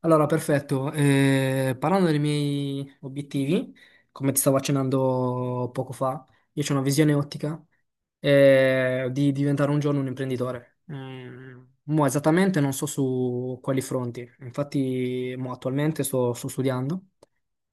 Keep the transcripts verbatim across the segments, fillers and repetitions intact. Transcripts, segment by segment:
Allora, perfetto. Eh, parlando dei miei obiettivi, come ti stavo accennando poco fa, io ho una visione ottica eh, di diventare un giorno un imprenditore. Eh, mo esattamente non so su quali fronti, infatti mo attualmente sto, sto studiando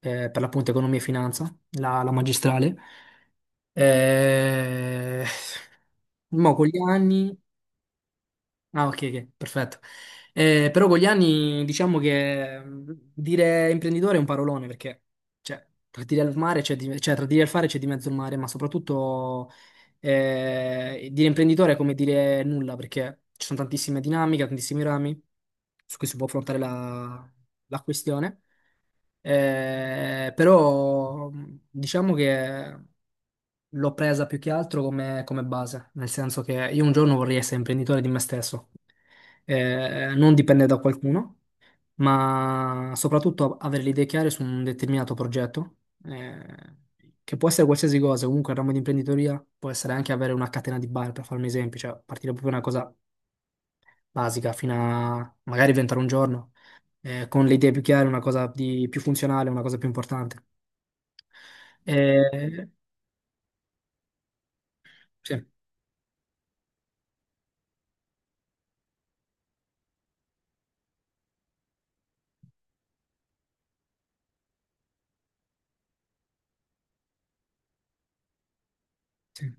eh, per l'appunto economia e finanza, la, la magistrale. Eh, mo con gli anni. Ah, ok, ok, perfetto. Eh, però con gli anni diciamo che mh, dire imprenditore è un parolone perché cioè, tra dire al mare c'è di- cioè, tra dire al fare c'è di mezzo il mare, ma soprattutto eh, dire imprenditore è come dire nulla perché ci sono tantissime dinamiche, tantissimi rami su cui si può affrontare la, la questione. Eh, però mh, diciamo che l'ho presa più che altro come, come base, nel senso che io un giorno vorrei essere imprenditore di me stesso. Eh, non dipendere da qualcuno, ma soprattutto avere le idee chiare su un determinato progetto, eh, che può essere qualsiasi cosa, comunque il ramo di imprenditoria può essere anche avere una catena di bar, per farmi esempi, cioè partire proprio da una cosa basica fino a magari inventare un giorno, eh, con le idee più chiare, una cosa di- più funzionale, una cosa più importante. Eh, sì, sì.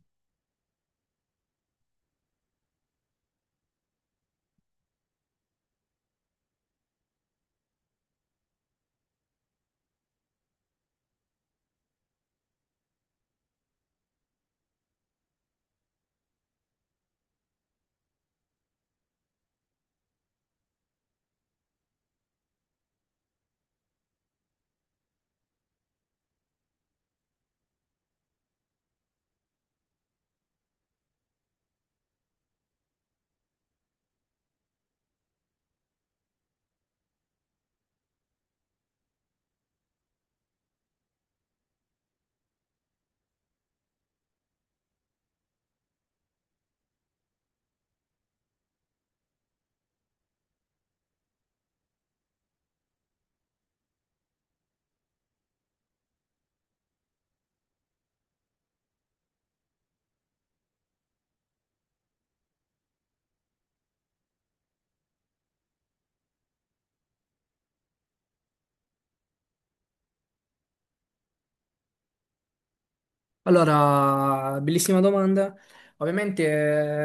Allora, bellissima domanda. Ovviamente,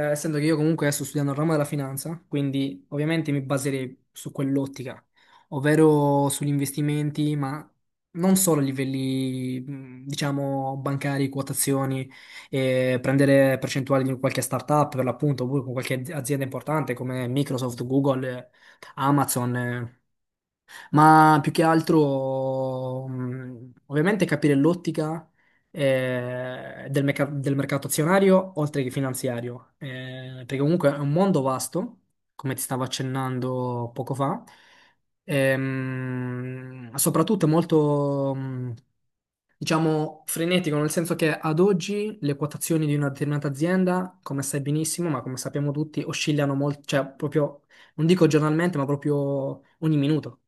eh, essendo che io comunque adesso sto studiando il ramo della finanza, quindi ovviamente mi baserei su quell'ottica, ovvero sugli investimenti, ma non solo a livelli, mh, diciamo, bancari, quotazioni, eh, prendere percentuali di qualche startup per l'appunto, oppure con qualche azienda importante come Microsoft, Google, eh, Amazon. eh. Ma più che altro, mh, ovviamente capire l'ottica eh, del, meca- del mercato azionario oltre che finanziario, eh, perché comunque è un mondo vasto, come ti stavo accennando poco fa, ehm, soprattutto è molto, mh, diciamo, frenetico, nel senso che ad oggi le quotazioni di una determinata azienda, come sai benissimo, ma come sappiamo tutti, oscillano molto, cioè proprio, non dico giornalmente, ma proprio ogni minuto.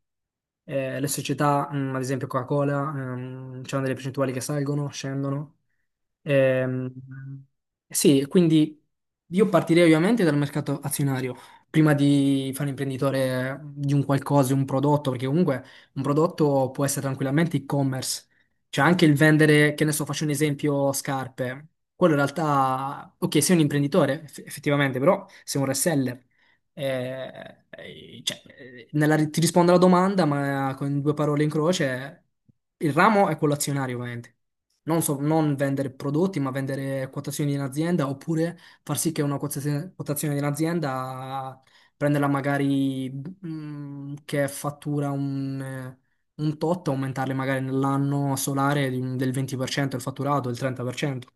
Eh, le società, mm, ad esempio Coca-Cola, ehm, c'hanno delle percentuali che salgono, scendono. Ehm, sì, quindi io partirei ovviamente dal mercato azionario, prima di fare imprenditore di un qualcosa, un prodotto, perché comunque un prodotto può essere tranquillamente e-commerce, cioè anche il vendere, che ne so, faccio un esempio, scarpe. Quello in realtà, ok, sei un imprenditore, eff- effettivamente, però sei un reseller. Eh, eh, cioè, eh, nella- ti rispondo alla domanda, ma con due parole in croce, il ramo è quello azionario, ovviamente non, so- non vendere prodotti, ma vendere quotazioni in azienda, oppure far sì che una quotazione, quotazione in azienda prenderla magari mm, che fattura un, eh, un tot, aumentarle magari nell'anno solare di un- del venti per cento il fatturato, del trenta per cento.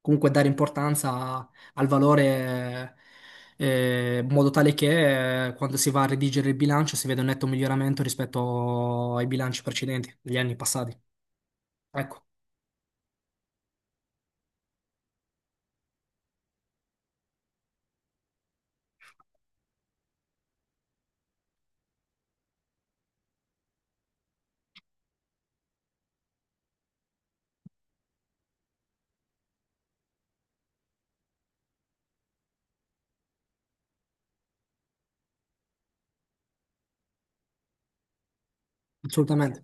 Comunque dare importanza al valore eh, in modo tale che eh, quando si va a redigere il bilancio si veda un netto miglioramento rispetto ai bilanci precedenti, degli anni passati. Ecco, assolutamente.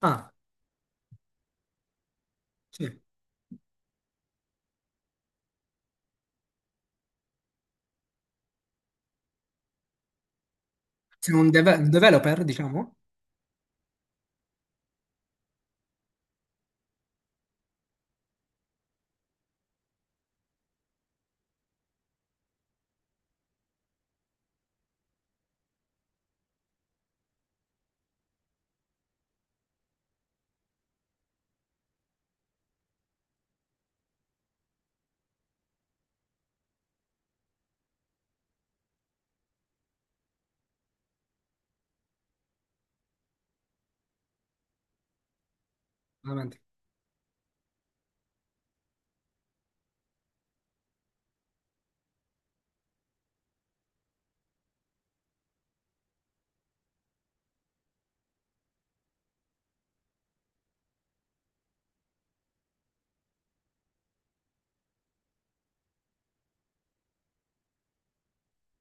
Ah. Sì. Sei un, deve- un developer, diciamo? Veramente.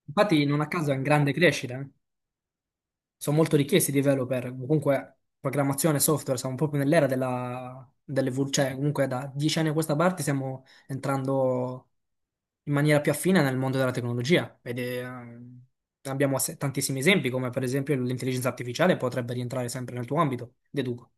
Infatti, non a caso è in grande crescita. eh. Sono molto richiesti i developer. Comunque, programmazione, software, siamo proprio nell'era della, dell'evol- cioè, comunque, da dieci anni a questa parte stiamo entrando in maniera più affine nel mondo della tecnologia. Ed è, ehm, abbiamo se- tantissimi esempi, come per esempio l'intelligenza artificiale potrebbe rientrare sempre nel tuo ambito, deduco.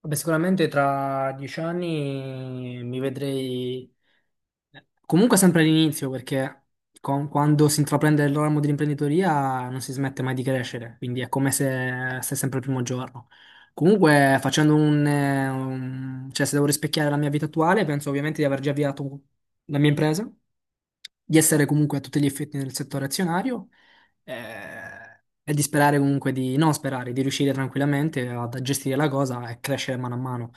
Vabbè, sicuramente tra dieci anni mi vedrei. Comunque sempre all'inizio, perché con- quando si intraprende il ramo dell'imprenditoria non si smette mai di crescere, quindi è come se sei sempre il primo giorno. Comunque, facendo un, eh, un- cioè se devo rispecchiare la mia vita attuale, penso ovviamente di aver già avviato la mia impresa, di essere comunque a tutti gli effetti nel settore azionario eh, e di sperare comunque di, non sperare, di riuscire tranquillamente ad a gestire la cosa e crescere mano a mano.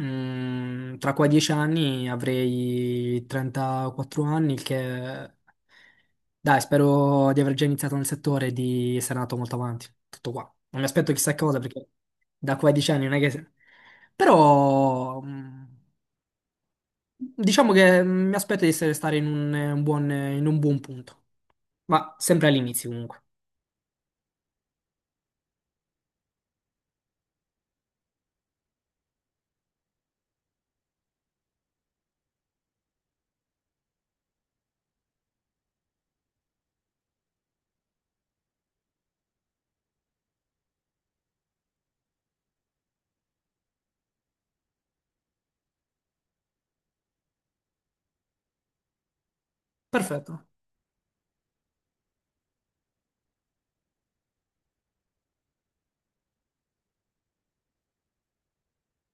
Mm, tra qua dieci anni avrei trentaquattro anni, il che dai, spero di aver già iniziato nel settore e di essere andato molto avanti. Tutto qua. Non mi aspetto chissà cosa perché da qua a dieci anni non è che... Però... mm, diciamo che mm, mi aspetto di essere stare in un, eh, un buon, eh, in un buon punto, ma sempre all'inizio comunque. Perfetto.